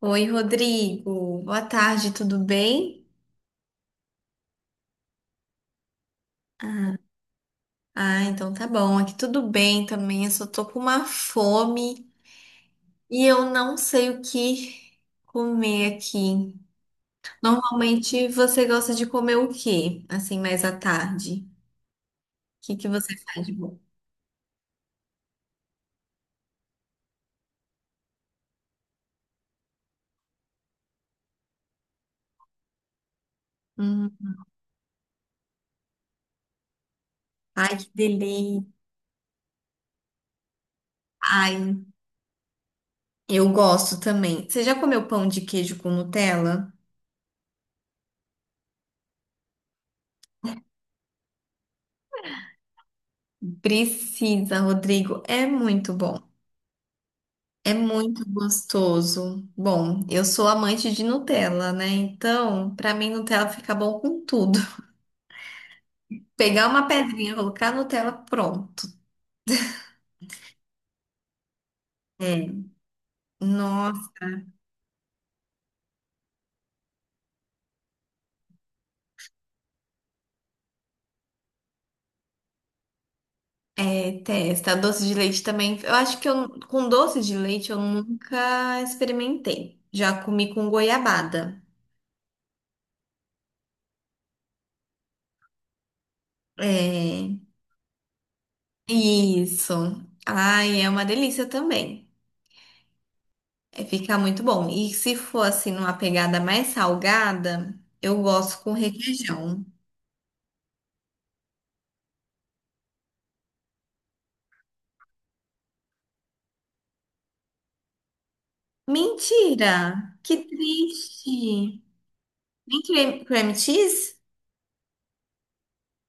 Oi, Rodrigo. Boa tarde, tudo bem? Ah, então tá bom. Aqui tudo bem também. Eu só tô com uma fome e eu não sei o que comer aqui. Normalmente você gosta de comer o quê? Assim, mais à tarde. O que que você faz de bom? Hum, ai, que delícia. Ai, eu gosto também. Você já comeu pão de queijo com Nutella? Precisa, Rodrigo. É muito bom. É muito gostoso. Bom, eu sou amante de Nutella, né? Então, pra mim, Nutella fica bom com tudo. Pegar uma pedrinha, colocar Nutella, pronto. É. Nossa, é, testa. Doce de leite também. Eu acho que eu, com doce de leite eu nunca experimentei. Já comi com goiabada. É. Isso. Ai, é uma delícia também. É, fica muito bom. E se for assim, numa pegada mais salgada, eu gosto com requeijão. Mentira! Que triste! Nem creme, creme cheese?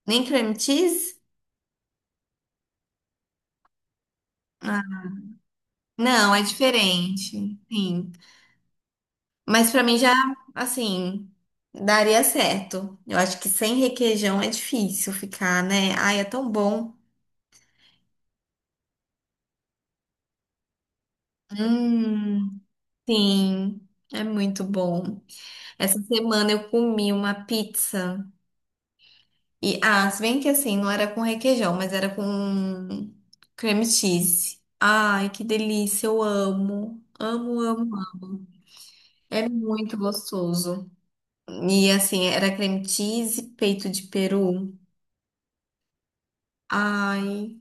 Nem creme cheese? Ah, não, é diferente. Sim. Mas pra mim já, assim, daria certo. Eu acho que sem requeijão é difícil ficar, né? Ai, é tão bom. Hum, sim, é muito bom. Essa semana eu comi uma pizza. E, ah, se bem que assim, não era com requeijão, mas era com creme cheese. Ai, que delícia, eu amo. Amo, amo, amo. É muito gostoso. E assim, era creme cheese, peito de peru. Ai,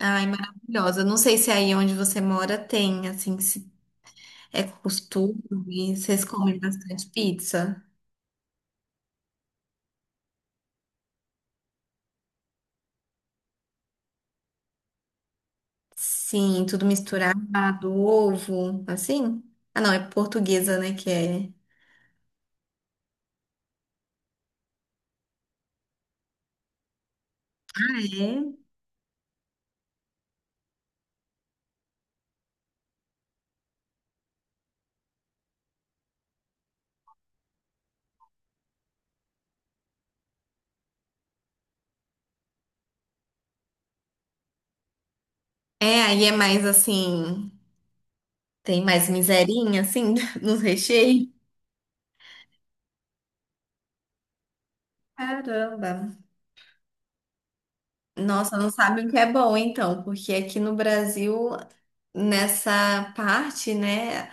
ai, maravilhosa. Não sei se aí onde você mora tem, assim, se é costume, vocês comem bastante pizza. Sim, tudo misturado, ovo, assim. Ah, não, é portuguesa, né, que é. Ah, é? É, aí é mais assim, tem mais miserinha, assim, nos recheios. Caramba. Nossa, não sabe o que é bom, então, porque aqui no Brasil, nessa parte, né,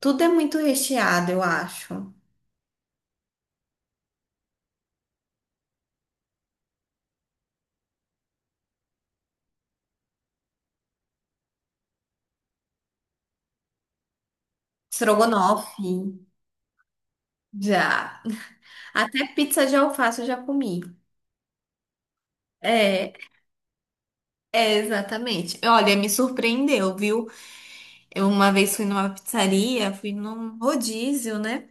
tudo é muito recheado, eu acho. Estrogonofe, já. Até pizza de alface eu já comi. É, exatamente. Olha, me surpreendeu, viu? Eu uma vez fui numa pizzaria, fui num rodízio, né?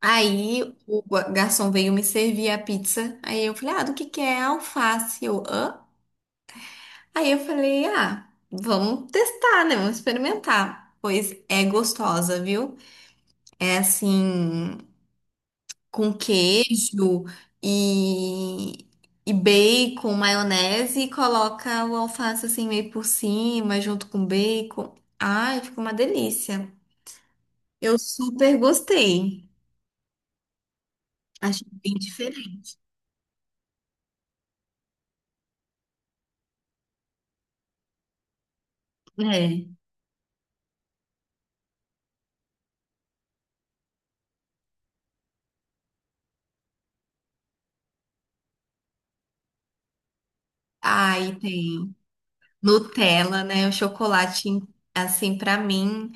Aí o garçom veio me servir a pizza. Aí eu falei, ah, do que é alface? Eu, hã? Aí eu falei, ah, vamos testar, né? Vamos experimentar. Pois é gostosa, viu? É assim, com queijo e, e bacon, maionese, e coloca o alface assim meio por cima, junto com bacon. Ai, ficou uma delícia. Eu super gostei. Achei bem diferente. É. Aí tem. Nutella, né? O chocolate, assim, pra mim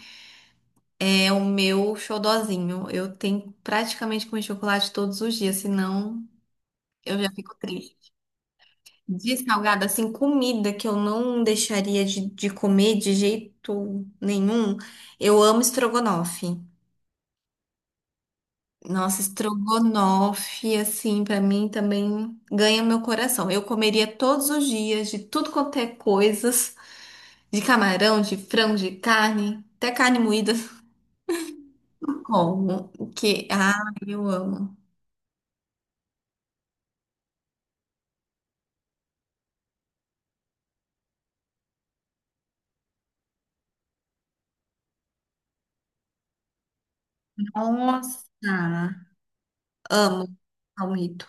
é o meu xodozinho. Eu tenho praticamente comer chocolate todos os dias, senão eu já fico triste. De salgado, assim, comida que eu não deixaria de comer de jeito nenhum. Eu amo estrogonofe. Nossa, estrogonofe, assim, pra mim também ganha meu coração. Eu comeria todos os dias de tudo quanto é coisas, de camarão, de frango, de carne, até carne moída. Como? Que, ah, eu amo. Nossa, amo palmito.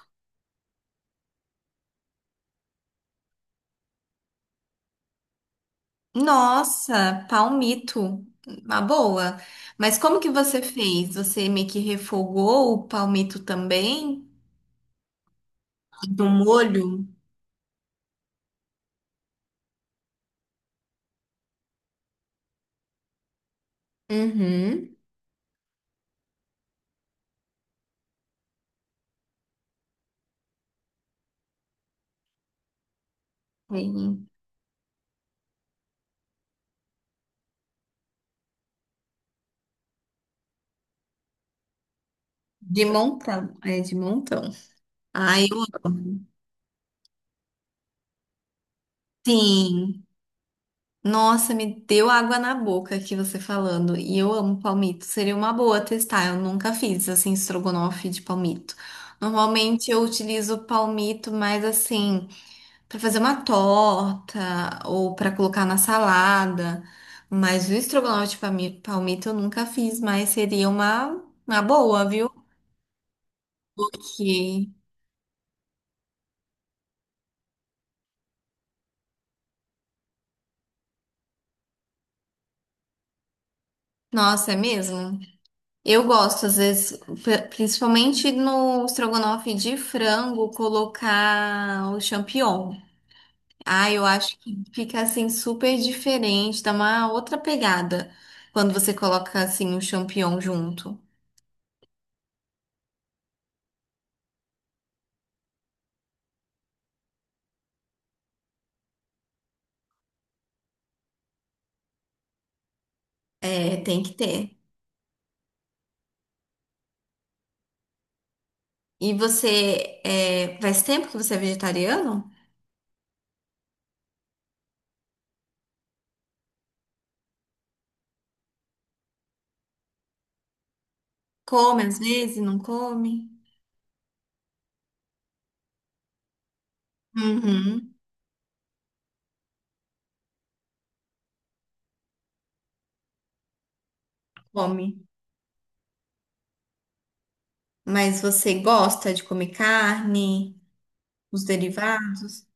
Nossa, palmito. Uma boa. Mas como que você fez? Você meio que refogou o palmito também? Do molho. Uhum. Sim. De montão. É, de montão. Ai, eu amo. Sim. Nossa, me deu água na boca aqui você falando. E eu amo palmito. Seria uma boa testar. Eu nunca fiz assim estrogonofe de palmito. Normalmente eu utilizo palmito mais assim para fazer uma torta ou para colocar na salada. Mas o estrogonofe de palmito eu nunca fiz, mas seria uma boa, viu? Porque, nossa, é mesmo? Eu gosto, às vezes, principalmente no estrogonofe de frango, colocar o champignon. Ah, eu acho que fica assim super diferente, dá uma outra pegada quando você coloca assim o champignon junto. É, tem que ter. E você, é, faz tempo que você é vegetariano? Come às vezes, não come? Uhum, come. Mas você gosta de comer carne, os derivados?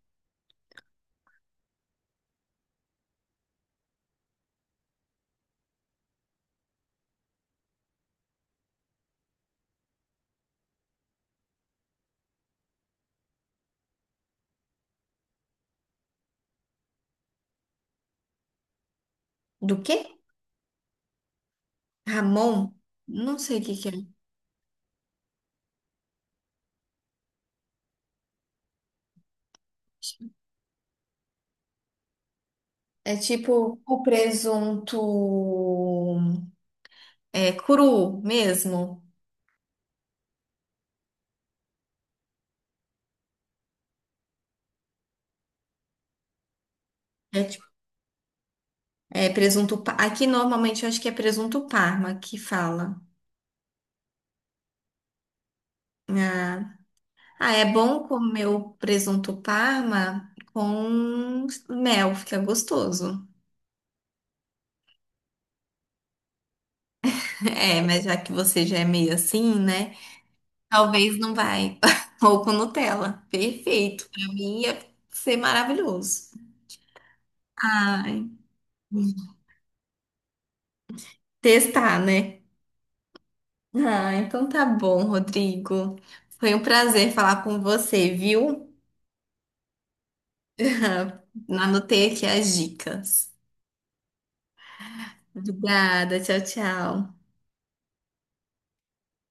Do quê? Ramon? Não sei o que que é. É tipo o presunto é cru mesmo. É, tipo- é presunto. Pa- aqui normalmente eu acho que é presunto Parma que fala. Ah, ah, é bom comer o presunto Parma com mel, fica gostoso. É, mas já que você já é meio assim, né? Talvez não vai. Ou com Nutella. Perfeito. Pra mim ia ser maravilhoso. Ai. Testar, né? Ah, então tá bom, Rodrigo. Foi um prazer falar com você, viu? Anotei aqui as dicas. Obrigada, tchau, tchau.